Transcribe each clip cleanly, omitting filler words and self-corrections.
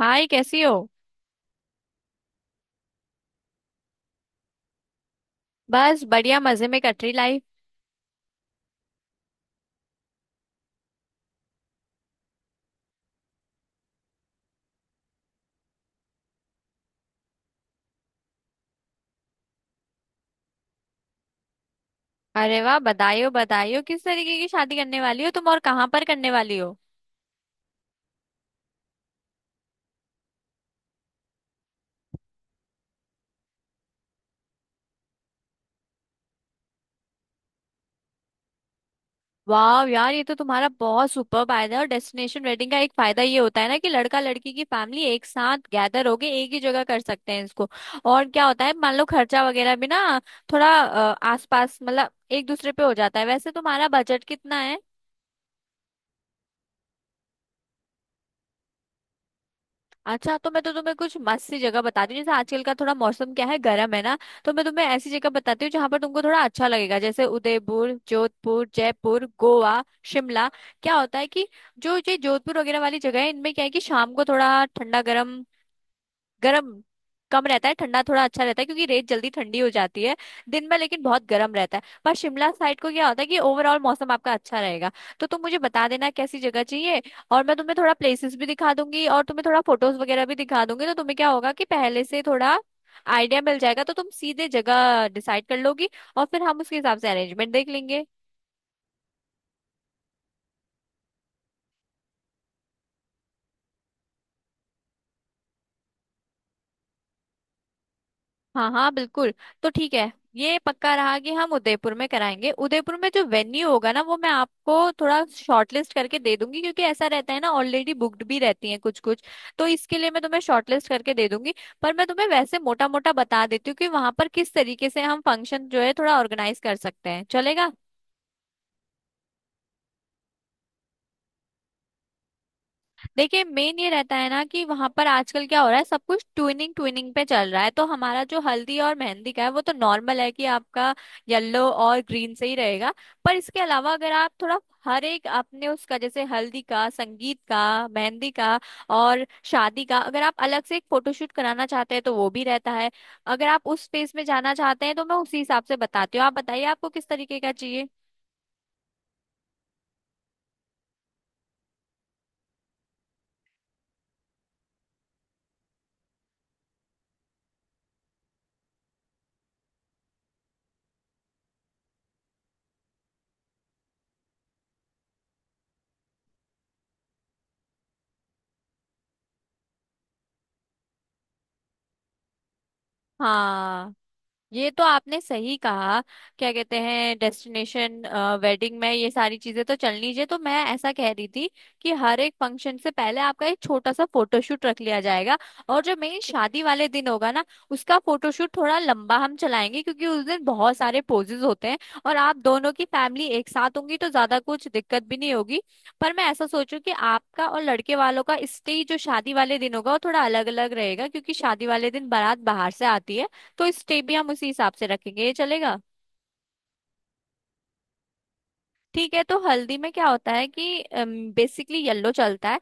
हाय, कैसी हो। बस बढ़िया, मजे में कट रही लाइफ। अरे वाह, बधाई हो बधाई हो। किस तरीके की शादी करने वाली हो तुम, और कहाँ पर करने वाली हो? वाह यार, ये तो तुम्हारा बहुत सुपर फायदा है। और डेस्टिनेशन वेडिंग का एक फायदा ये होता है ना कि लड़का लड़की की फैमिली एक साथ गैदर होके एक ही जगह कर सकते हैं इसको। और क्या होता है, मान लो खर्चा वगैरह भी ना थोड़ा आसपास मतलब एक दूसरे पे हो जाता है। वैसे तुम्हारा बजट कितना है? अच्छा, तो मैं तो तुम्हें कुछ मस्त सी जगह बताती हूँ। जैसे आजकल का थोड़ा मौसम क्या है, गर्म है ना। तो मैं तुम्हें ऐसी जगह बताती हूँ जहाँ पर तुमको थोड़ा अच्छा लगेगा, जैसे उदयपुर, जोधपुर, जयपुर, गोवा, शिमला। क्या होता है कि जो ये जोधपुर वगैरह वाली जगह है, इनमें क्या है कि शाम को थोड़ा ठंडा, गर्म गर्म कम रहता है, ठंडा थोड़ा अच्छा रहता है, क्योंकि रेत जल्दी ठंडी हो जाती है। दिन में लेकिन बहुत गर्म रहता है, पर शिमला साइड को क्या होता है कि ओवरऑल मौसम आपका अच्छा रहेगा। तो तुम मुझे बता देना कैसी जगह चाहिए, और मैं तुम्हें थोड़ा प्लेसेस भी दिखा दूंगी और तुम्हें थोड़ा फोटोज वगैरह भी दिखा दूंगी, तो तुम्हें क्या होगा कि पहले से थोड़ा आइडिया मिल जाएगा, तो तुम सीधे जगह डिसाइड कर लोगी। और फिर हम उसके हिसाब से अरेंजमेंट देख लेंगे। हाँ हाँ, बिल्कुल। तो ठीक है, ये पक्का रहा कि हम उदयपुर में कराएंगे। उदयपुर में जो वेन्यू होगा ना, वो मैं आपको थोड़ा शॉर्टलिस्ट करके दे दूंगी, क्योंकि ऐसा रहता है ना ऑलरेडी बुक्ड भी रहती हैं कुछ कुछ। तो इसके लिए मैं तुम्हें शॉर्टलिस्ट करके दे दूंगी। पर मैं तुम्हें वैसे मोटा मोटा बता देती हूँ कि वहां पर किस तरीके से हम फंक्शन जो है थोड़ा ऑर्गेनाइज कर सकते हैं, चलेगा? देखिए, मेन ये रहता है ना कि वहां पर आजकल क्या हो रहा है, सब कुछ ट्विनिंग ट्विनिंग पे चल रहा है। तो हमारा जो हल्दी और मेहंदी का है वो तो नॉर्मल है कि आपका येलो और ग्रीन से ही रहेगा। पर इसके अलावा अगर आप थोड़ा हर एक अपने उसका, जैसे हल्दी का, संगीत का, मेहंदी का, और शादी का अगर आप अलग से एक फोटोशूट कराना चाहते हैं तो वो भी रहता है। अगर आप उस स्पेस में जाना चाहते हैं तो मैं उसी हिसाब से बताती हूँ, आप बताइए आपको किस तरीके का चाहिए। हाँ, ये तो आपने सही कहा। क्या कहते हैं, डेस्टिनेशन वेडिंग में ये सारी चीजें तो चलनी चाहिए। तो मैं ऐसा कह रही थी कि हर एक फंक्शन से पहले आपका एक छोटा सा फोटोशूट रख लिया जाएगा, और जो मेन शादी वाले दिन होगा ना, उसका फोटोशूट थोड़ा लंबा हम चलाएंगे, क्योंकि उस दिन बहुत सारे पोजेज होते हैं। और आप दोनों की फैमिली एक साथ होंगी तो ज्यादा कुछ दिक्कत भी नहीं होगी। पर मैं ऐसा सोचूं कि आपका और लड़के वालों का स्टेज जो शादी वाले दिन होगा वो थोड़ा अलग अलग रहेगा, क्योंकि शादी वाले दिन बारात बाहर से आती है, तो स्टेप भी हम उसी हिसाब से रखेंगे, ये चलेगा? ठीक है, तो हल्दी में क्या होता है कि बेसिकली येलो चलता है,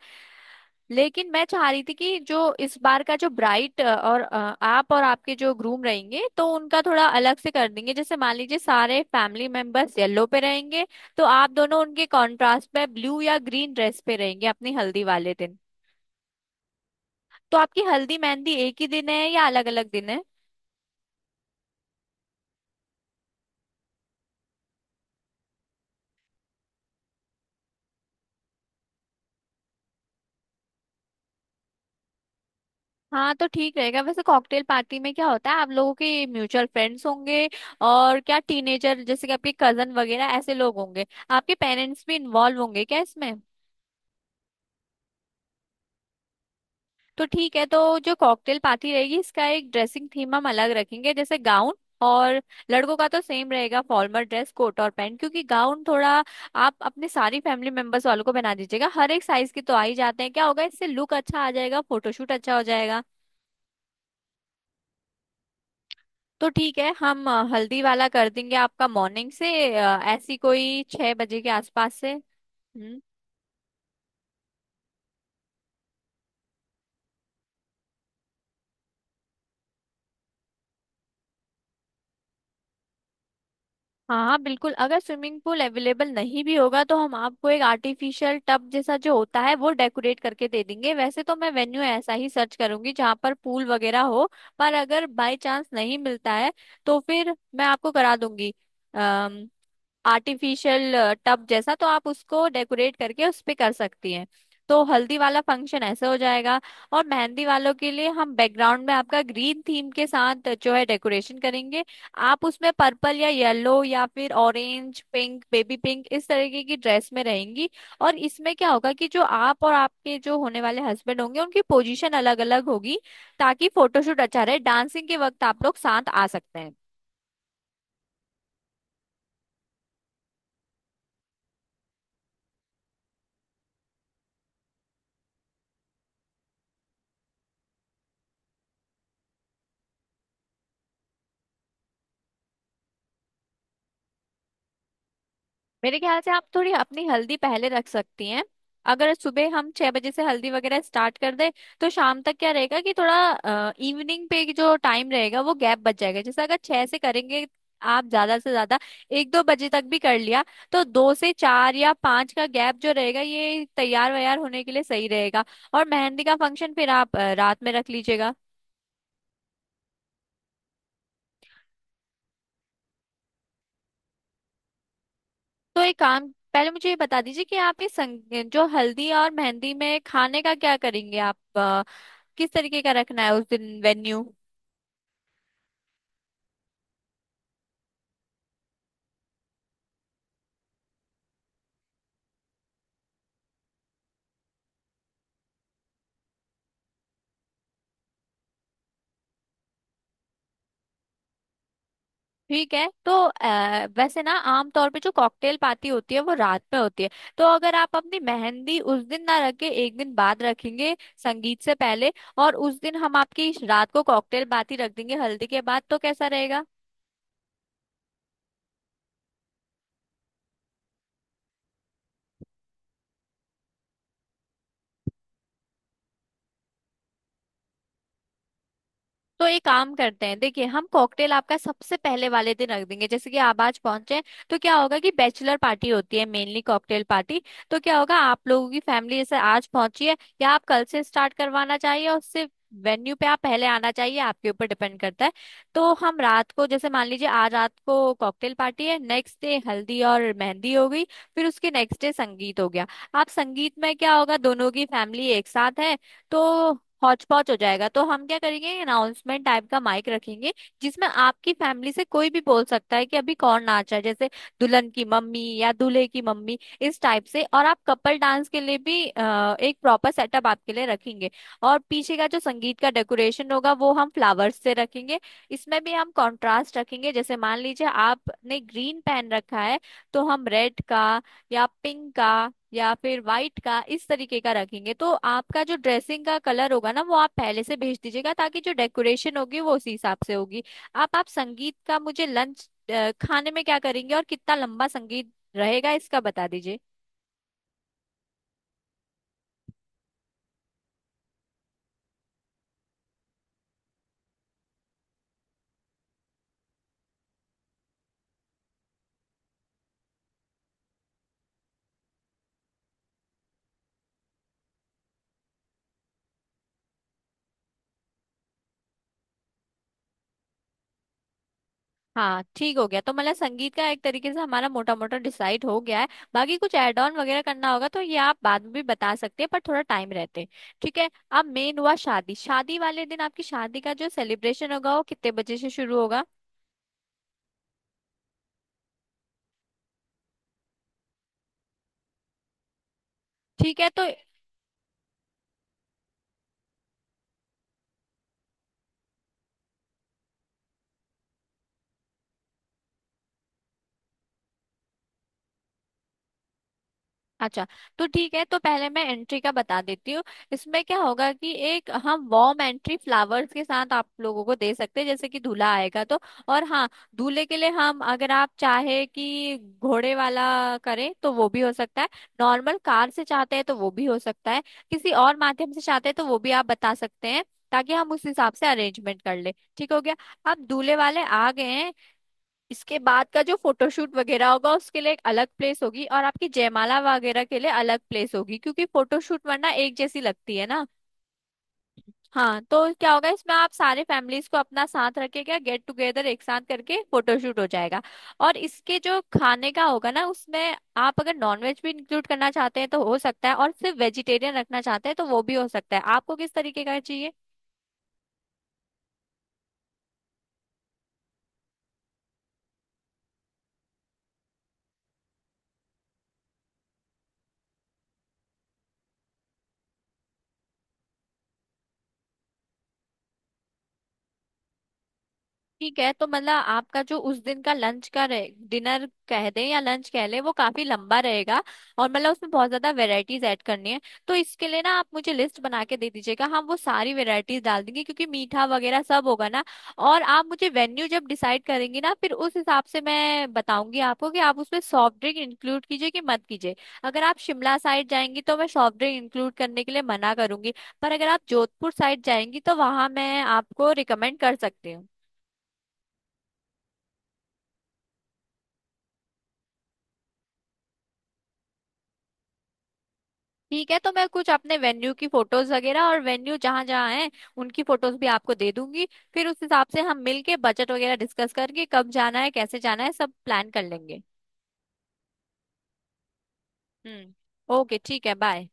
लेकिन मैं चाह रही थी कि जो इस बार का जो ब्राइट और आप और आपके जो ग्रूम रहेंगे तो उनका थोड़ा अलग से कर देंगे। जैसे मान लीजिए सारे फैमिली मेंबर्स येलो पे रहेंगे, तो आप दोनों उनके कॉन्ट्रास्ट में ब्लू या ग्रीन ड्रेस पे रहेंगे अपनी हल्दी वाले दिन। तो आपकी हल्दी मेहंदी एक ही दिन है या अलग अलग दिन है? हाँ, तो ठीक रहेगा। वैसे कॉकटेल पार्टी में क्या होता है, आप लोगों के म्यूचुअल फ्रेंड्स होंगे, और क्या टीनेजर जैसे कि आपके कजन वगैरह ऐसे लोग होंगे, आपके पेरेंट्स भी इन्वॉल्व होंगे क्या इसमें? तो ठीक है, तो जो कॉकटेल पार्टी रहेगी इसका एक ड्रेसिंग थीम हम अलग रखेंगे, जैसे गाउन, और लड़कों का तो सेम रहेगा फॉर्मल ड्रेस कोट और पैंट, क्योंकि गाउन थोड़ा आप अपने सारी फैमिली मेंबर्स वालों को बना दीजिएगा, हर एक साइज के तो आ ही जाते हैं। क्या होगा इससे, लुक अच्छा आ जाएगा, फोटोशूट अच्छा हो जाएगा। तो ठीक है, हम हल्दी वाला कर देंगे आपका मॉर्निंग से, ऐसी कोई 6 बजे के आसपास से। हम्म। हाँ बिल्कुल, अगर स्विमिंग पूल अवेलेबल नहीं भी होगा तो हम आपको एक आर्टिफिशियल टब जैसा जो होता है वो डेकोरेट करके दे देंगे। वैसे तो मैं वेन्यू ऐसा ही सर्च करूंगी जहाँ पर पूल वगैरह हो। पर अगर बाय चांस नहीं मिलता है तो फिर मैं आपको करा दूंगी। अम, आर्टिफिशियल टब जैसा, तो आप उसको डेकोरेट करके उस पे कर सकती हैं। तो हल्दी वाला फंक्शन ऐसे हो जाएगा। और मेहंदी वालों के लिए हम बैकग्राउंड में आपका ग्रीन थीम के साथ जो है डेकोरेशन करेंगे। आप उसमें पर्पल या येलो या फिर ऑरेंज, पिंक, बेबी पिंक इस तरीके की ड्रेस में रहेंगी। और इसमें क्या होगा कि जो आप और आपके जो होने वाले हस्बैंड होंगे उनकी पोजीशन अलग अलग होगी, ताकि फोटोशूट अच्छा रहे। डांसिंग के वक्त आप लोग साथ आ सकते हैं। मेरे ख्याल से आप थोड़ी अपनी हल्दी पहले रख सकती हैं। अगर सुबह हम 6 बजे से हल्दी वगैरह स्टार्ट कर दें, तो शाम तक क्या रहेगा कि थोड़ा इवनिंग पे जो टाइम रहेगा वो गैप बच जाएगा। जैसे अगर 6 से करेंगे, आप ज्यादा से ज्यादा 1-2 बजे तक भी कर लिया, तो 2 से 4 या 5 का गैप जो रहेगा ये तैयार वैयार होने के लिए सही रहेगा। और मेहंदी का फंक्शन फिर आप रात में रख लीजिएगा। तो एक काम, पहले मुझे ये बता दीजिए कि आप ये जो हल्दी और मेहंदी में खाने का क्या करेंगे आप, किस तरीके का रखना है उस दिन वेन्यू। ठीक है, तो वैसे ना आमतौर पे जो कॉकटेल पार्टी होती है वो रात में होती है। तो अगर आप अपनी मेहंदी उस दिन ना रखे एक दिन बाद रखेंगे, संगीत से पहले, और उस दिन हम आपकी रात को कॉकटेल पार्टी रख देंगे हल्दी के बाद, तो कैसा रहेगा? तो एक काम करते हैं, देखिए हम कॉकटेल आपका सबसे पहले वाले दिन रख देंगे, जैसे कि आप आज पहुंचे हैं, तो क्या होगा कि बैचलर पार्टी होती है मेनली कॉकटेल पार्टी। तो क्या होगा, आप लोगों की फैमिली जैसे आज पहुंची है, या आप कल से स्टार्ट करवाना चाहिए और सिर्फ वेन्यू पे आप पहले आना चाहिए, आपके ऊपर डिपेंड करता है। तो हम रात को, जैसे मान लीजिए आज रात को कॉकटेल पार्टी है, नेक्स्ट डे हल्दी और मेहंदी हो गई, फिर उसके नेक्स्ट डे संगीत हो गया। आप संगीत में क्या होगा, दोनों की फैमिली एक साथ है, तो हौच पौच हो जाएगा, तो हम क्या करेंगे, अनाउंसमेंट टाइप का माइक रखेंगे जिसमें आपकी फैमिली से कोई भी बोल सकता है कि अभी कौन नाच रहा है, जैसे दुल्हन की मम्मी या दूल्हे की मम्मी, इस टाइप से। और आप कपल डांस के लिए भी एक प्रॉपर सेटअप आपके लिए रखेंगे। और पीछे का जो संगीत का डेकोरेशन होगा वो हम फ्लावर्स से रखेंगे। इसमें भी हम कंट्रास्ट रखेंगे, जैसे मान लीजिए आपने ग्रीन पहन रखा है तो हम रेड का, या पिंक का, या फिर व्हाइट का इस तरीके का रखेंगे। तो आपका जो ड्रेसिंग का कलर होगा ना, वो आप पहले से भेज दीजिएगा, ताकि जो डेकोरेशन होगी वो उसी हिसाब से होगी। आप संगीत का मुझे लंच खाने में क्या करेंगे और कितना लंबा संगीत रहेगा इसका बता दीजिए। हाँ ठीक हो गया, तो मतलब संगीत का एक तरीके से हमारा मोटा मोटा डिसाइड हो गया है। बाकी कुछ एड ऑन वगैरह करना होगा तो ये आप बाद में भी बता सकते हैं, पर थोड़ा टाइम रहते। ठीक है, अब मेन हुआ शादी, शादी वाले दिन आपकी शादी का जो सेलिब्रेशन होगा वो कितने बजे से शुरू होगा? ठीक है, तो अच्छा, तो ठीक है, तो पहले मैं एंट्री का बता देती हूँ। इसमें क्या होगा कि एक हम वॉर्म एंट्री फ्लावर्स के साथ आप लोगों को दे सकते हैं, जैसे कि दूल्हा आएगा तो, और हाँ, दूल्हे के लिए हम अगर आप चाहे कि घोड़े वाला करें तो वो भी हो सकता है, नॉर्मल कार से चाहते हैं तो वो भी हो सकता है, किसी और माध्यम से चाहते हैं तो वो भी आप बता सकते हैं, ताकि हम उस हिसाब से अरेंजमेंट कर ले। ठीक हो गया। अब दूल्हे वाले आ गए हैं। इसके बाद का जो फोटोशूट वगैरह होगा उसके लिए एक अलग प्लेस होगी, और आपकी जयमाला वगैरह के लिए अलग प्लेस होगी, क्योंकि फोटोशूट वरना एक जैसी लगती है ना। हाँ, तो क्या होगा इसमें, आप सारे फैमिलीज को अपना साथ रखेगा, गेट टुगेदर एक साथ करके फोटोशूट हो जाएगा। और इसके जो खाने का होगा ना उसमें आप अगर नॉनवेज भी इंक्लूड करना चाहते हैं तो हो सकता है, और सिर्फ वेजिटेरियन रखना चाहते हैं तो वो भी हो सकता है, आपको किस तरीके का चाहिए? ठीक है, तो मतलब आपका जो उस दिन का लंच का रहे, डिनर कह दें या लंच कह लें, वो काफी लंबा रहेगा, और मतलब उसमें बहुत ज्यादा वेराइटीज ऐड करनी है। तो इसके लिए ना आप मुझे लिस्ट बना के दे दीजिएगा, हम वो सारी वेराइटीज डाल देंगे, क्योंकि मीठा वगैरह सब होगा ना। और आप मुझे वेन्यू जब डिसाइड करेंगी ना, फिर उस हिसाब से मैं बताऊंगी आपको कि आप उसमें सॉफ्ट ड्रिंक इंक्लूड कीजिए कि मत कीजिए। अगर आप शिमला साइड जाएंगी तो मैं सॉफ्ट ड्रिंक इंक्लूड करने के लिए मना करूंगी, पर अगर आप जोधपुर साइड जाएंगी तो वहां मैं आपको रिकमेंड कर सकती हूँ। ठीक है, तो मैं कुछ अपने वेन्यू की फोटोज वगैरह और वेन्यू जहाँ जहाँ हैं उनकी फोटोज भी आपको दे दूंगी। फिर उस हिसाब से हम मिलके बजट वगैरह डिस्कस करके कब जाना है कैसे जाना है सब प्लान कर लेंगे। हम्म। ओके ठीक है, बाय।